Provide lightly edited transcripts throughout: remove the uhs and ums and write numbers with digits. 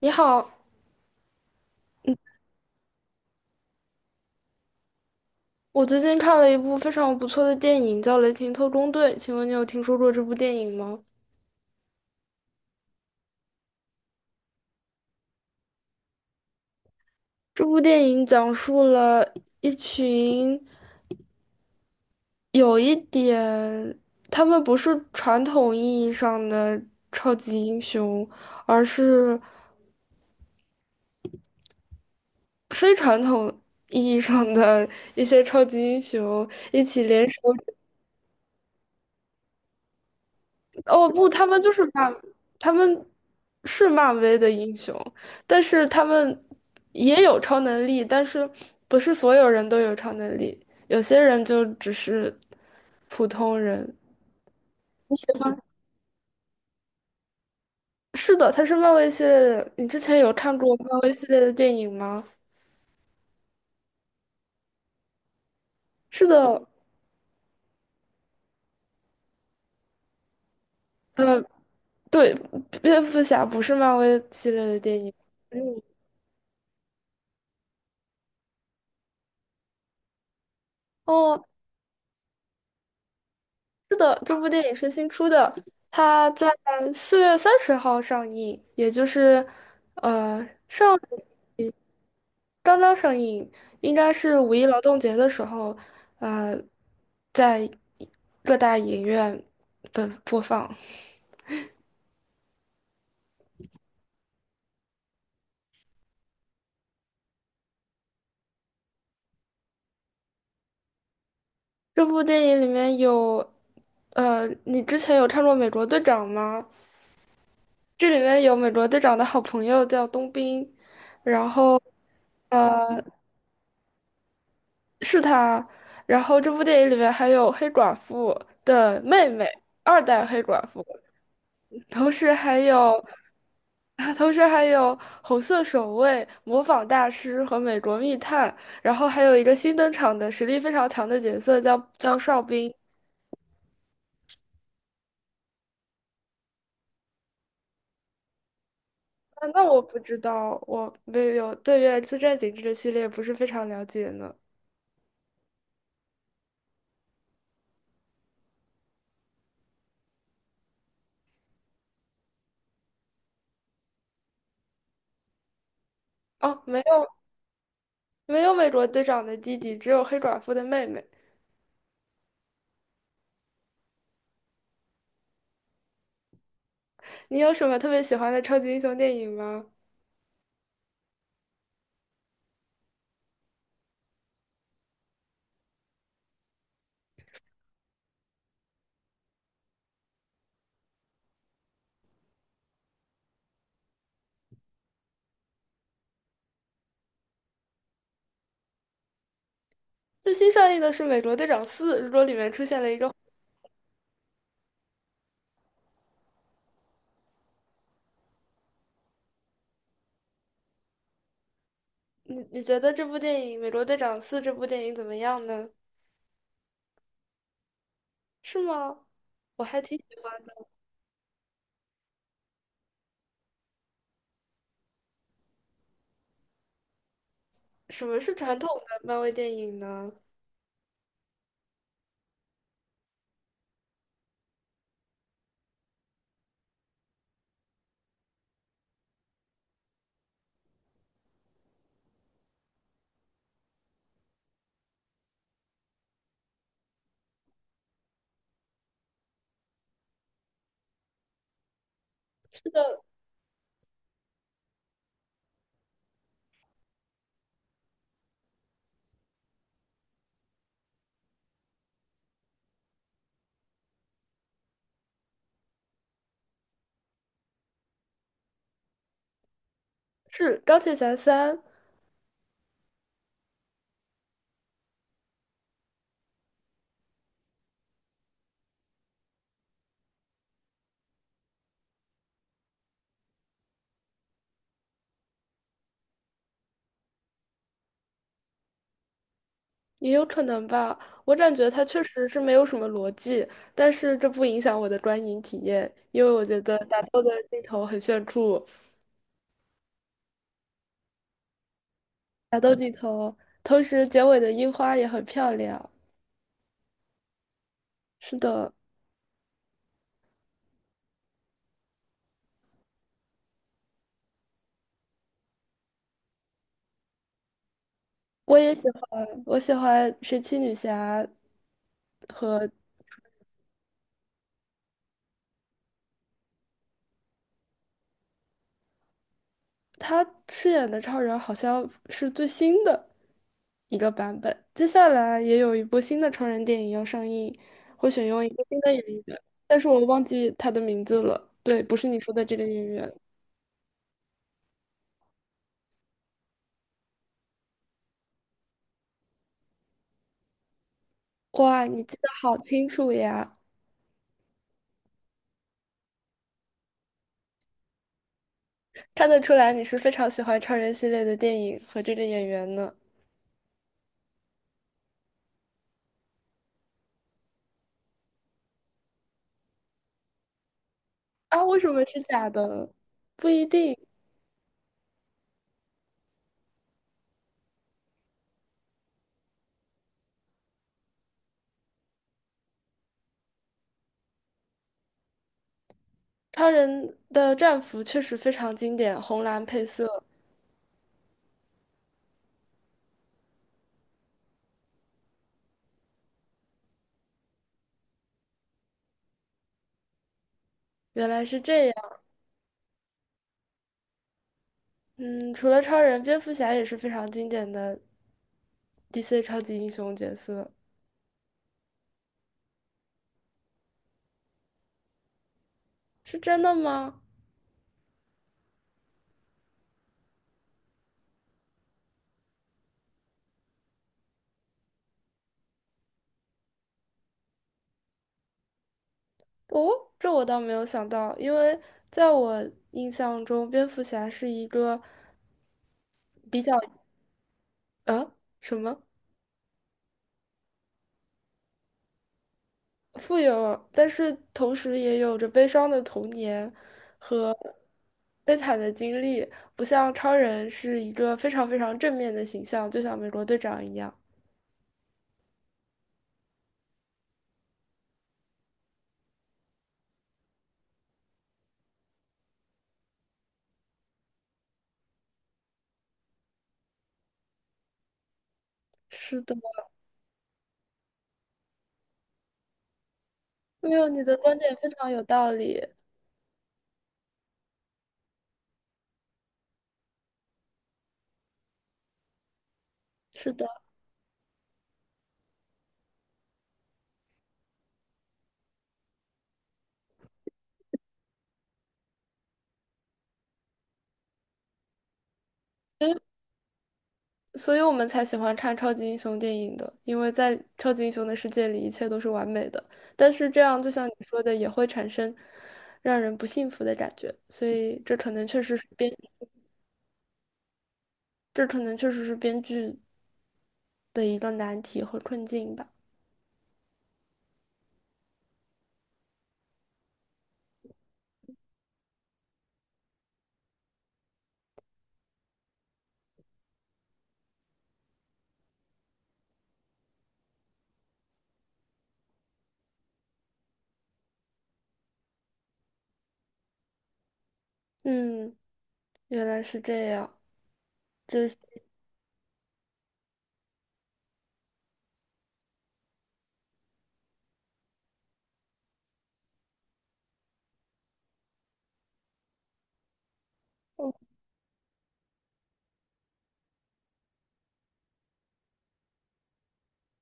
你好，我最近看了一部非常不错的电影，叫《雷霆特工队》，请问你有听说过这部电影吗？这部电影讲述了一群有一点，他们不是传统意义上的超级英雄，而是非传统意义上的一些超级英雄一起联手。哦不，他们是漫威的英雄，但是他们也有超能力，但是不是所有人都有超能力，有些人就只是普通人。你喜欢？是的，他是漫威系列的。你之前有看过漫威系列的电影吗？是的，呃，对，蝙蝠侠不是漫威系列的电影。嗯。哦。是的，这部电影是新出的，它在四月三十号上映，也就是，呃，上刚刚上映，应该是五一劳动节的时候，呃，在各大影院的播放。这部电影里面你之前有看过《美国队长》吗？这里面有美国队长的好朋友叫冬兵，然后呃，是他。然后这部电影里面还有黑寡妇的妹妹，二代黑寡妇，同时还有，同时还有红色守卫、模仿大师和美国密探，然后还有一个新登场的实力非常强的角色叫哨兵。那我不知道，我没有对《原子战警》这个系列不是非常了解呢。哦，没有没有美国队长的弟弟，只有黑寡妇的妹妹。你有什么特别喜欢的超级英雄电影吗？最新上映的是《美国队长四》，如果里面出现了一个，你觉得这部电影《美国队长四》这部电影怎么样呢？是吗？我还挺喜欢的什么是传统的漫威电影呢？是的，是钢铁侠三，也有可能吧。我感觉它确实是没有什么逻辑，但是这不影响我的观影体验，因为我觉得打斗的镜头很炫酷，打斗镜头，同时结尾的樱花也很漂亮。是的。我也喜欢，我喜欢神奇女侠和她饰演的超人好像是最新的一个版本。接下来也有一部新的超人电影要上映，会选用一个新的演员，但是我忘记他的名字了。对，不是你说的这个演员。哇，你记得好清楚呀！看得出来你是非常喜欢超人系列的电影和这个演员呢。啊，为什么是假的？不一定。超人的战服确实非常经典，红蓝配色，原来是这样。嗯，除了超人，蝙蝠侠也是非常经典的 DC 超级英雄角色，是真的吗？哦，这我倒没有想到，因为在我印象中，蝙蝠侠是一个比较呃什么富有，但是同时也有着悲伤的童年、悲惨的经历，不像超人是一个非常非常正面的形象，就像美国队长一样。是的，没有，你的观点非常有道理。是的，所以所以我们才喜欢看超级英雄电影的，因为在超级英雄的世界里，一切都是完美的。但是这样，就像你说的，也会产生让人不幸福的感觉。所以这可能确实是编，这可能确实是编剧的一个难题和困境吧。嗯，原来是这样，这是哦，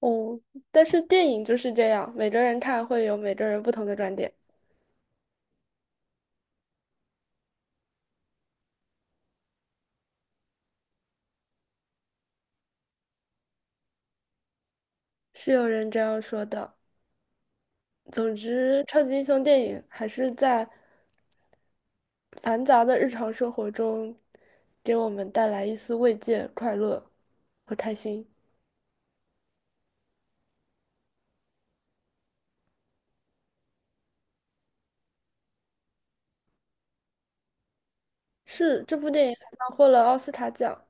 哦但是电影就是这样，每个人看会有每个人不同的观点，是有人这样说的。总之，超级英雄电影还是在繁杂的日常生活中，给我们带来一丝慰藉、快乐和开心。是，这部电影还拿获了奥斯卡奖。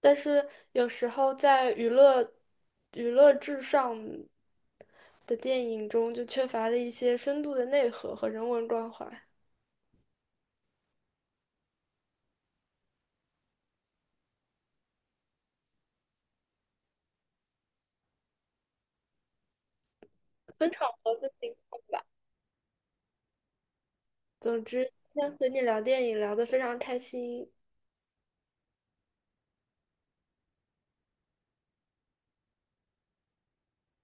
但是有时候在娱乐、娱乐至上的电影中，就缺乏了一些深度的内核和人文关怀，分场合分情。总之，今天和你聊电影聊得非常开心，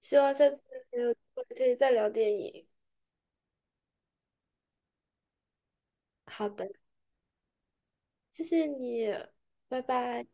希望下次还有机会可以再聊电影。好的。谢谢你，拜拜。